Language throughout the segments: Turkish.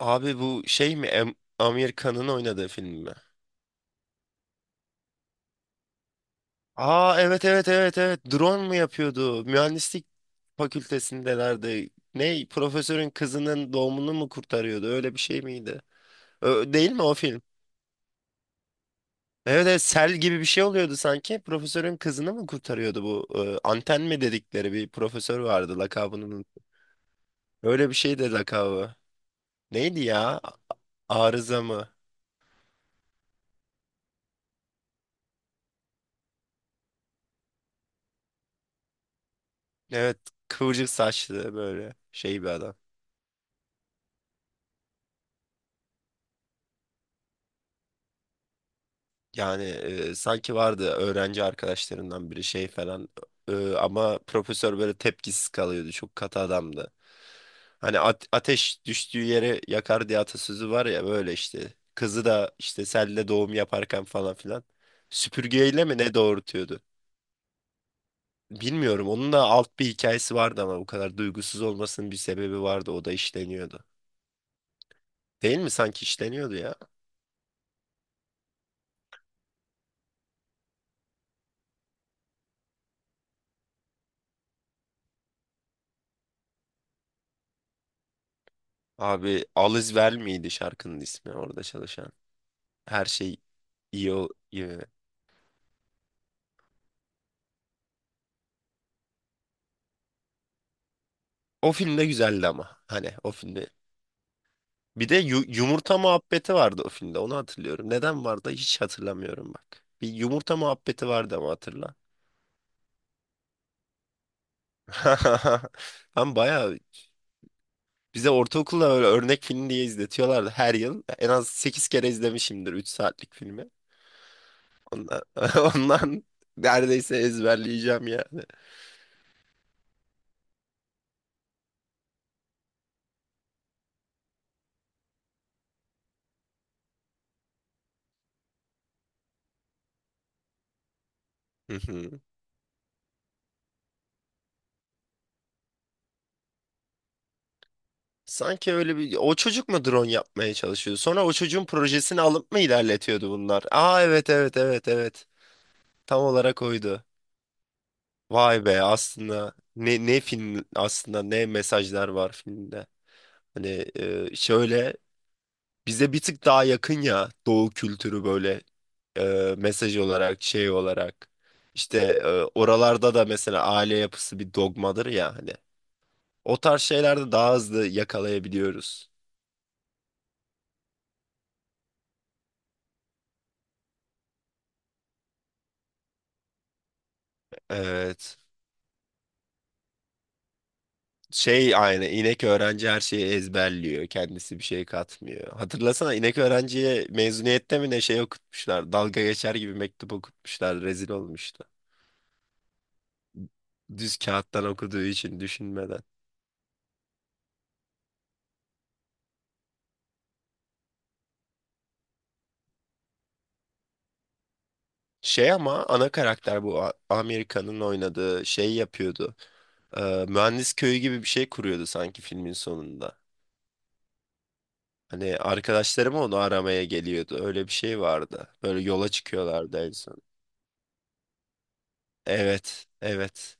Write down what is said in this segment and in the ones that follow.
Abi bu şey mi? Amir Khan'ın oynadığı film mi? Aa evet evet evet evet. Drone mu yapıyordu? Mühendislik fakültesindelerdi. Ne? Profesörün kızının doğumunu mu kurtarıyordu? Öyle bir şey miydi? Değil mi o film? Evet, evet sel gibi bir şey oluyordu sanki. Profesörün kızını mı kurtarıyordu bu? Anten mi dedikleri bir profesör vardı lakabını. Öyle bir şey de lakabı. Neydi ya? Arıza mı? Evet, kıvırcık saçlı böyle şey bir adam. Yani sanki vardı öğrenci arkadaşlarından biri şey falan. Ama profesör böyle tepkisiz kalıyordu, çok katı adamdı. Hani ateş düştüğü yere yakar diye atasözü var ya, böyle işte kızı da işte selle doğum yaparken falan filan süpürgeyle mi ne doğurtuyordu? Bilmiyorum, onun da alt bir hikayesi vardı ama bu kadar duygusuz olmasının bir sebebi vardı, o da işleniyordu. Değil mi, sanki işleniyordu ya? Abi Alice Vel miydi şarkının ismi orada çalışan? Her şey iyi ol iyi. O filmde güzeldi ama, hani o filmde. Bir de yumurta muhabbeti vardı o filmde, onu hatırlıyorum. Neden vardı hiç hatırlamıyorum bak. Bir yumurta muhabbeti vardı ama hatırla. Ben bayağı, bize ortaokulda öyle örnek film diye izletiyorlardı her yıl. En az 8 kere izlemişimdir 3 saatlik filmi. Ondan, ondan neredeyse ezberleyeceğim yani. Sanki öyle bir, o çocuk mu drone yapmaya çalışıyordu? Sonra o çocuğun projesini alıp mı ilerletiyordu bunlar? Aa evet evet evet evet. Tam olarak oydu. Vay be, aslında ne film aslında, ne mesajlar var filmde. Hani şöyle bize bir tık daha yakın ya doğu kültürü, böyle mesaj olarak, şey olarak. İşte e, oralarda da mesela aile yapısı bir dogmadır ya hani. O tarz şeylerde daha hızlı yakalayabiliyoruz. Evet. Şey, aynı inek öğrenci her şeyi ezberliyor. Kendisi bir şey katmıyor. Hatırlasana, inek öğrenciye mezuniyette mi ne şey okutmuşlar. Dalga geçer gibi mektup okutmuşlar. Rezil olmuştu. Düz kağıttan okuduğu için, düşünmeden. Şey, ama ana karakter bu Amerika'nın oynadığı şey yapıyordu. Mühendis köyü gibi bir şey kuruyordu sanki filmin sonunda. Hani arkadaşlarım onu aramaya geliyordu. Öyle bir şey vardı. Böyle yola çıkıyorlardı en son. Evet, evet.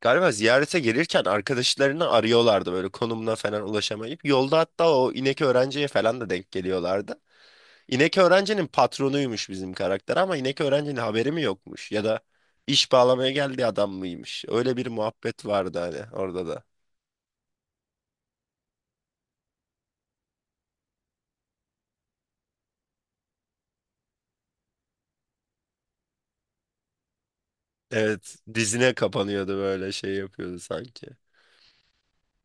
Galiba ziyarete gelirken arkadaşlarını arıyorlardı böyle, konumuna falan ulaşamayıp. Yolda hatta o inek öğrenciye falan da denk geliyorlardı. İnek öğrencinin patronuymuş bizim karakter, ama inek öğrencinin haberi mi yokmuş, ya da iş bağlamaya geldiği adam mıymış? Öyle bir muhabbet vardı hani orada da. Evet, dizine kapanıyordu böyle, şey yapıyordu sanki.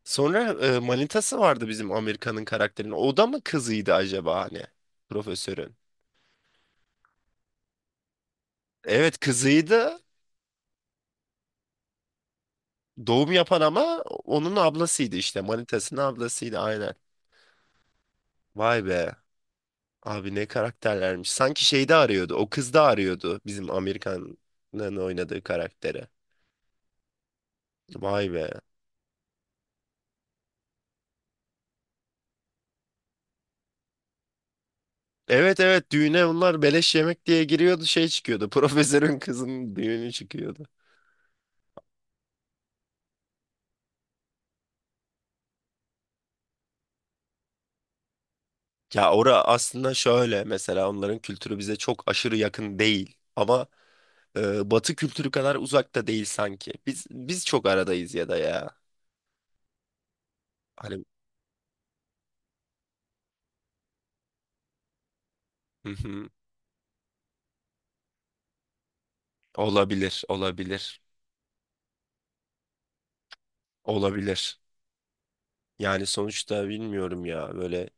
Sonra manitası vardı bizim Amerika'nın karakterinin. O da mı kızıydı acaba hani profesörün? Evet, kızıydı. Doğum yapan ama onun ablasıydı işte. Manitasının ablasıydı, aynen. Vay be. Abi ne karakterlermiş. Sanki şeyde arıyordu. O kız da arıyordu. Bizim Amerikan'ın oynadığı karakteri. Vay be. Evet evet, düğüne bunlar beleş yemek diye giriyordu, şey çıkıyordu. Profesörün kızının düğünü çıkıyordu. Ya ora aslında şöyle, mesela onların kültürü bize çok aşırı yakın değil. Ama Batı kültürü kadar uzakta değil sanki. Biz çok aradayız ya da ya. Hani Olabilir, olabilir, olabilir. Yani sonuçta bilmiyorum ya, böyle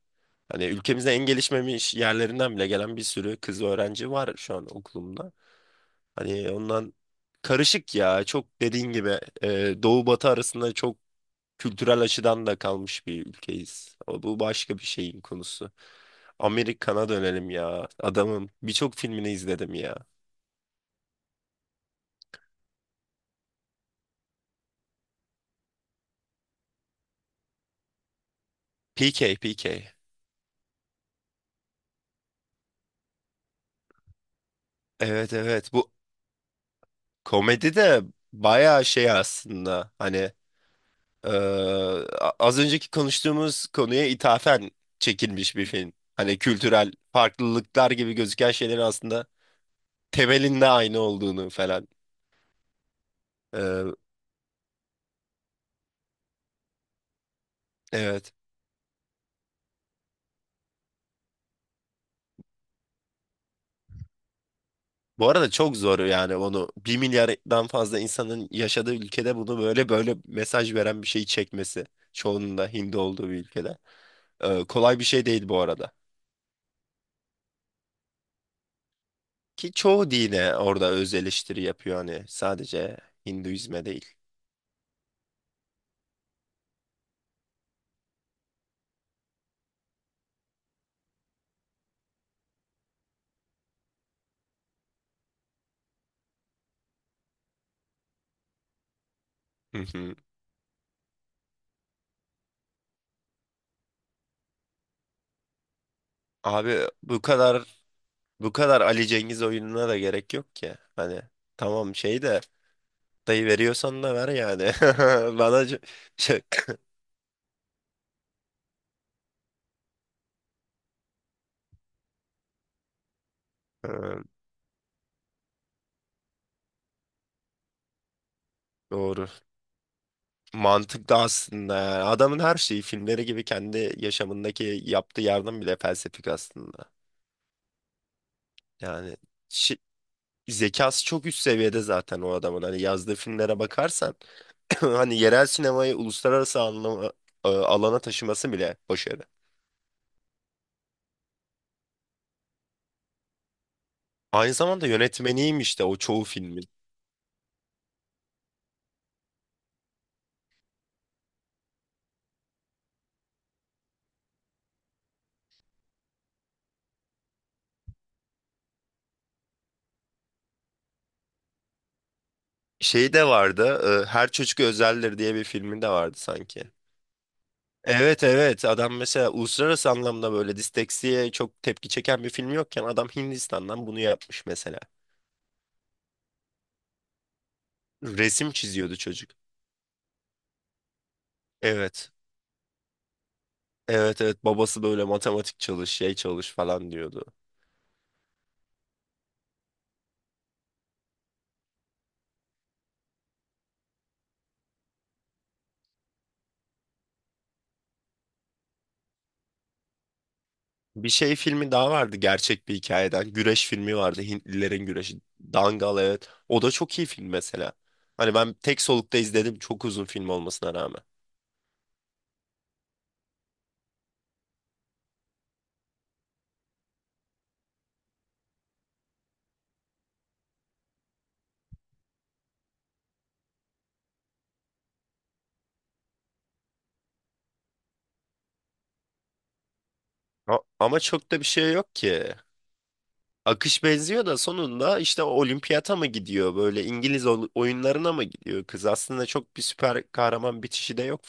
hani ülkemizde en gelişmemiş yerlerinden bile gelen bir sürü kız öğrenci var şu an okulumda. Hani ondan karışık ya, çok dediğin gibi doğu batı arasında, çok kültürel açıdan da kalmış bir ülkeyiz. O, bu başka bir şeyin konusu. Amerikan'a dönelim ya, adamım birçok filmini izledim ya. PK, PK. Evet evet, bu komedi de bayağı şey aslında, hani Ee, az önceki konuştuğumuz konuya ithafen çekilmiş bir film. Hani kültürel farklılıklar gibi gözüken şeylerin aslında temelinde aynı olduğunu falan. Ee, evet. Bu arada çok zor yani onu 1 milyardan fazla insanın yaşadığı ülkede bunu böyle böyle mesaj veren bir şeyi çekmesi. Çoğunun da Hindi olduğu bir ülkede. Kolay bir şey değil bu arada. Ki çoğu dine orada öz eleştiri yapıyor, hani sadece Hinduizme değil. Hı hı. Abi bu kadar Ali Cengiz oyununa da gerek yok ki. Hani tamam, şey de, dayı veriyorsan da ver yani. Bana şey, Ee, doğru. Mantıklı aslında, yani. Adamın her şeyi filmleri gibi, kendi yaşamındaki yaptığı yardım bile felsefik aslında. Yani şi- zekası çok üst seviyede zaten o adamın. Hani yazdığı filmlere bakarsan hani yerel sinemayı uluslararası anlama, alana taşıması bile başarı. Aynı zamanda yönetmeniymiş de o çoğu filmin. Şey de vardı. Her Çocuk Özeldir diye bir filmi de vardı sanki. Evet evet, adam mesela uluslararası anlamda böyle disteksiye çok tepki çeken bir film yokken adam Hindistan'dan bunu yapmış mesela. Resim çiziyordu çocuk. Evet. Evet evet, babası böyle matematik çalış, şey çalış falan diyordu. Bir şey, filmi daha vardı gerçek bir hikayeden. Güreş filmi vardı. Hintlilerin güreşi. Dangal, evet. O da çok iyi film mesela. Hani ben tek solukta izledim, çok uzun film olmasına rağmen. Ama çok da bir şey yok ki. Akış benziyor da, sonunda işte olimpiyata mı gidiyor, böyle İngiliz oyunlarına mı gidiyor kız? Aslında çok bir süper kahraman bitişi de yok